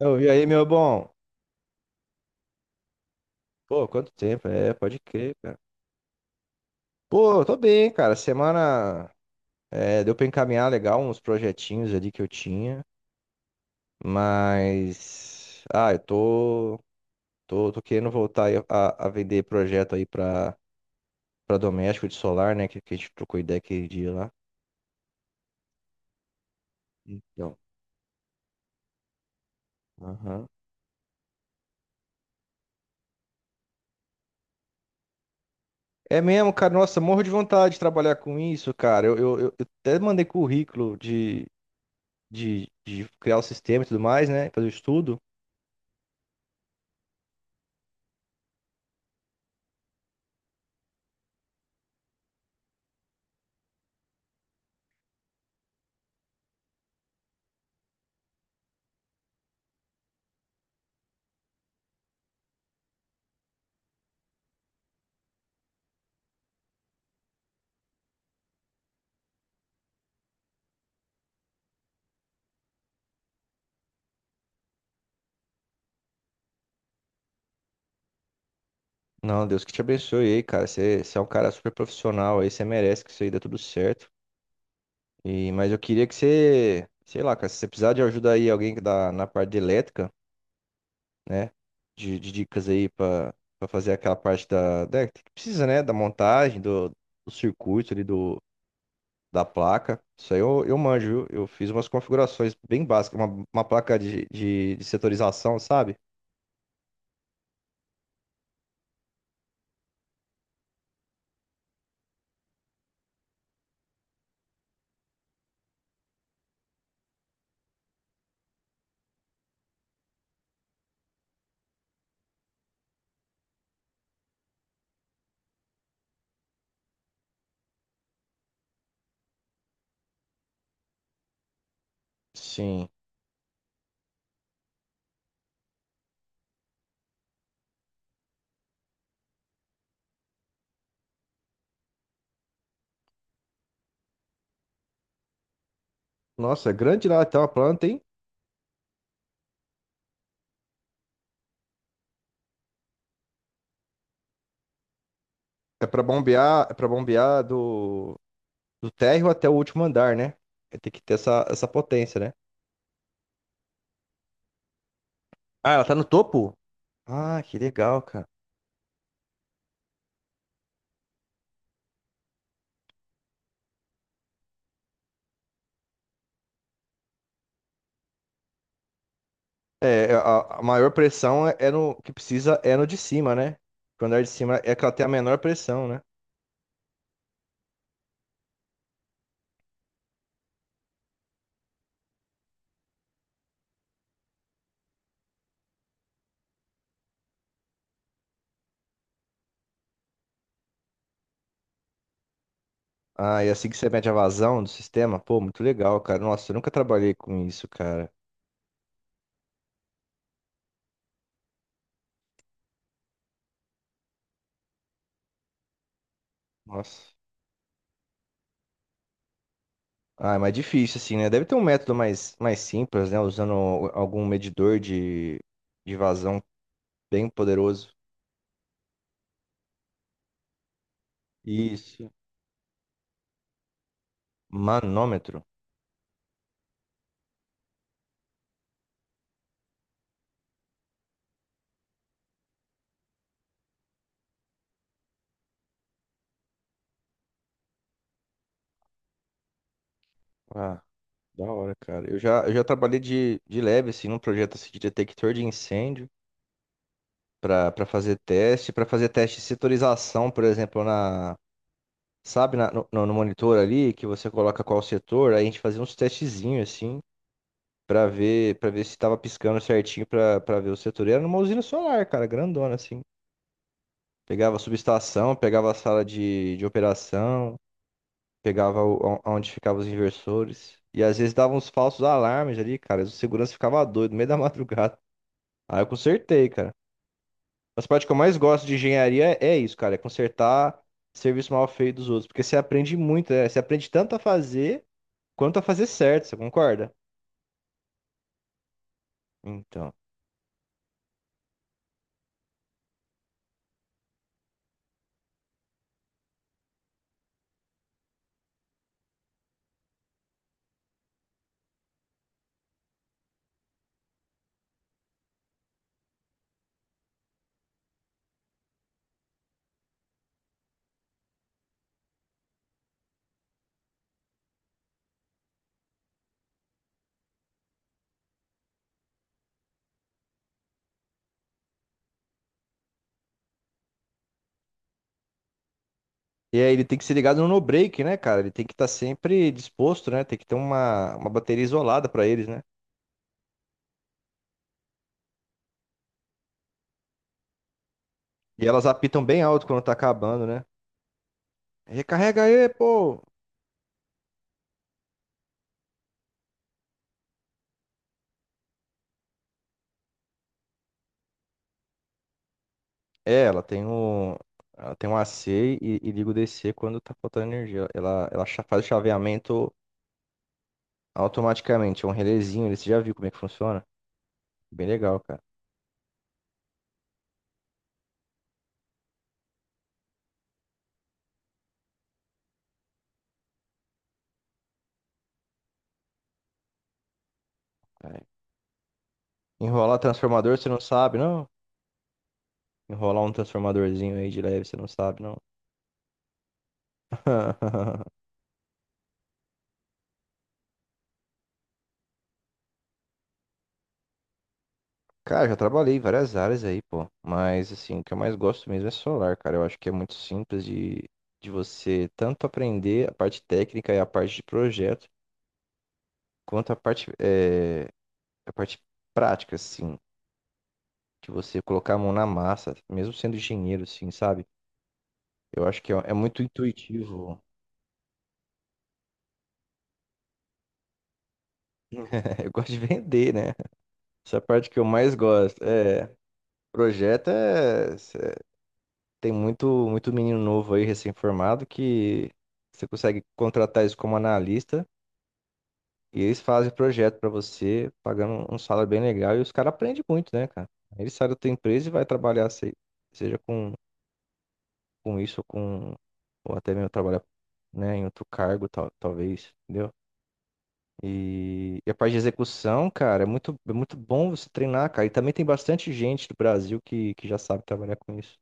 Eu vi aí, meu bom. Pô, quanto tempo? É, pode crer, cara. Pô, eu tô bem, cara. Semana é, deu pra encaminhar legal uns projetinhos ali que eu tinha, mas. Eu tô, tô querendo voltar aí a vender projeto aí pra doméstico de solar, né? Que a gente trocou ideia aquele dia lá. Então. Aham. É mesmo, cara. Nossa, morro de vontade de trabalhar com isso, cara. Eu até mandei currículo de, de criar o sistema e tudo mais, né? Fazer o estudo. Não, Deus que te abençoe aí, cara. Você é um cara super profissional aí, você merece que isso aí dê tudo certo. E, mas eu queria que você, sei lá, cara, se você precisar de ajuda aí, alguém que dá na parte de elétrica, né? De dicas aí pra, pra fazer aquela parte da, da- que precisa, né? Da montagem, do, do circuito ali, do, da placa. Isso aí eu manjo, viu? Eu fiz umas configurações bem básicas, uma placa de, de setorização, sabe? Sim. Nossa, é grande lá até a planta, hein? É pra bombear, é para bombear do. Do térreo até o último andar, né? Tem que ter essa, essa potência, né? Ah, ela tá no topo? Ah, que legal, cara. É, é, a maior pressão é, é no que precisa é no de cima, né? Porque o andar de cima é que ela tem a menor pressão, né? Ah, e assim que você mede a vazão do sistema, pô, muito legal, cara. Nossa, eu nunca trabalhei com isso, cara. Nossa. Ah, é mais difícil, assim, né? Deve ter um método mais, mais simples, né? Usando algum medidor de vazão bem poderoso. Isso. Manômetro. Ah, da hora, cara. Eu já trabalhei de leve, assim, num projeto assim, de detector de incêndio para para fazer teste de setorização, por exemplo, na, sabe, na- no, no monitor ali, que você coloca qual setor, aí a gente fazia uns testezinhos, assim, para ver se tava piscando certinho para para ver o setor. E era numa usina solar, cara, grandona, assim. Pegava a subestação, pegava a sala de operação, pegava o, onde ficavam os inversores. E às vezes dava uns falsos alarmes ali, cara. O segurança ficava doido no meio da madrugada. Aí eu consertei, cara. As partes que eu mais gosto de engenharia é isso, cara, é consertar serviço mal feito dos outros, porque você aprende muito, né? Você aprende tanto a fazer quanto a fazer certo, você concorda? Então. E aí ele tem que ser ligado no no break, né, cara? Ele tem que estar sempre disposto, né? Tem que ter uma bateria isolada pra eles, né? E elas apitam bem alto quando tá acabando, né? Recarrega aí, pô! É, ela tem um, ela tem um AC e liga o DC quando tá faltando energia. Ela cha- faz o chaveamento automaticamente. É um relézinho, ele- você já viu como é que funciona? Bem legal, cara. É. Enrolar transformador, você não sabe, não? Enrolar um transformadorzinho aí de leve, você não sabe, não? Cara, já trabalhei em várias áreas aí, pô. Mas, assim, o que eu mais gosto mesmo é solar, cara. Eu acho que é muito simples de você tanto aprender a parte técnica e a parte de projeto, quanto a parte, a parte prática, assim. De você colocar a mão na massa, mesmo sendo engenheiro, assim, sabe? Eu acho que é muito intuitivo. Eu gosto de vender, né? Essa é a parte que eu mais gosto. É, projeto é. Cê- Tem muito, muito menino novo aí, recém-formado, que você consegue contratar eles como analista e eles fazem projeto pra você, pagando um salário bem legal. E os caras aprendem muito, né, cara? Aí ele sai da tua empresa e vai trabalhar, se- seja com isso ou com. Ou até mesmo trabalhar, né, em outro cargo, tal, talvez. Entendeu? E a parte de execução, cara, é muito bom você treinar, cara. E também tem bastante gente do Brasil que já sabe trabalhar com isso.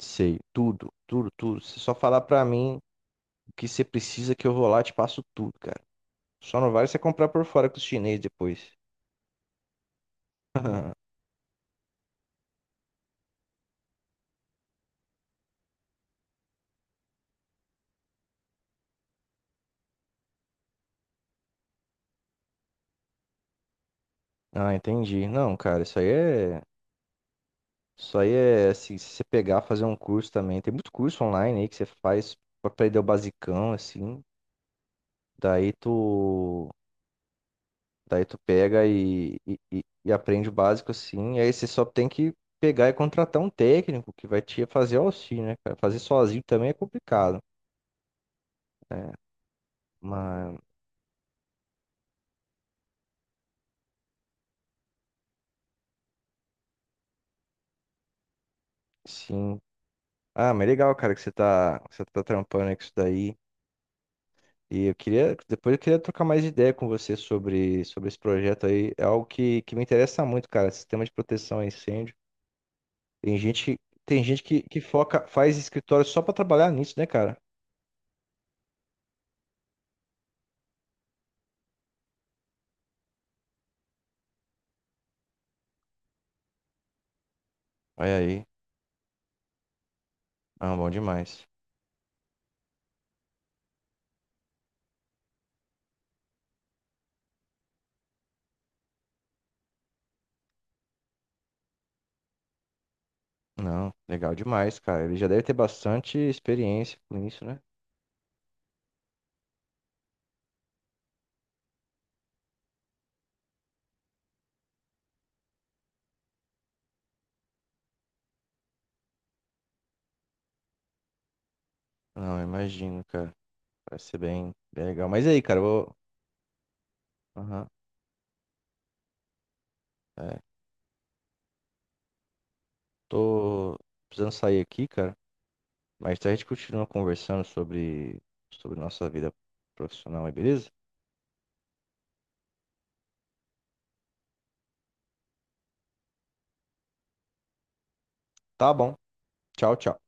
Sei, tudo, tudo, tudo. Se só falar pra mim o que você precisa que eu vou lá, e te passo tudo, cara. Só não vale você comprar por fora com os chineses depois. Ah, entendi. Não, cara, isso aí é. Isso aí é assim, se você pegar, fazer um curso também. Tem muito curso online aí que você faz pra aprender o basicão, assim. Daí tu. Daí tu pega e aprende o básico assim, e aí você só tem que pegar e contratar um técnico que vai te fazer o auxílio, né, cara? Fazer sozinho também é complicado, né? Mas, sim. Ah, mas legal, cara, que você tá trampando aí com isso daí. Depois eu queria trocar mais ideia com você sobre, sobre esse projeto aí. É algo que me interessa muito, cara, sistema de proteção a incêndio. Tem gente, tem gente que foca, faz escritório só pra trabalhar nisso, né, cara? Olha aí. Ah, bom demais. Não, legal demais, cara. Ele já deve ter bastante experiência com isso, né? Não, eu imagino, cara. Vai ser bem, bem legal. Mas aí, cara, eu vou. Aham, é. Tô precisando sair aqui, cara. Mas a gente continua conversando sobre, sobre nossa vida profissional aí, beleza? Tá bom. Tchau, tchau.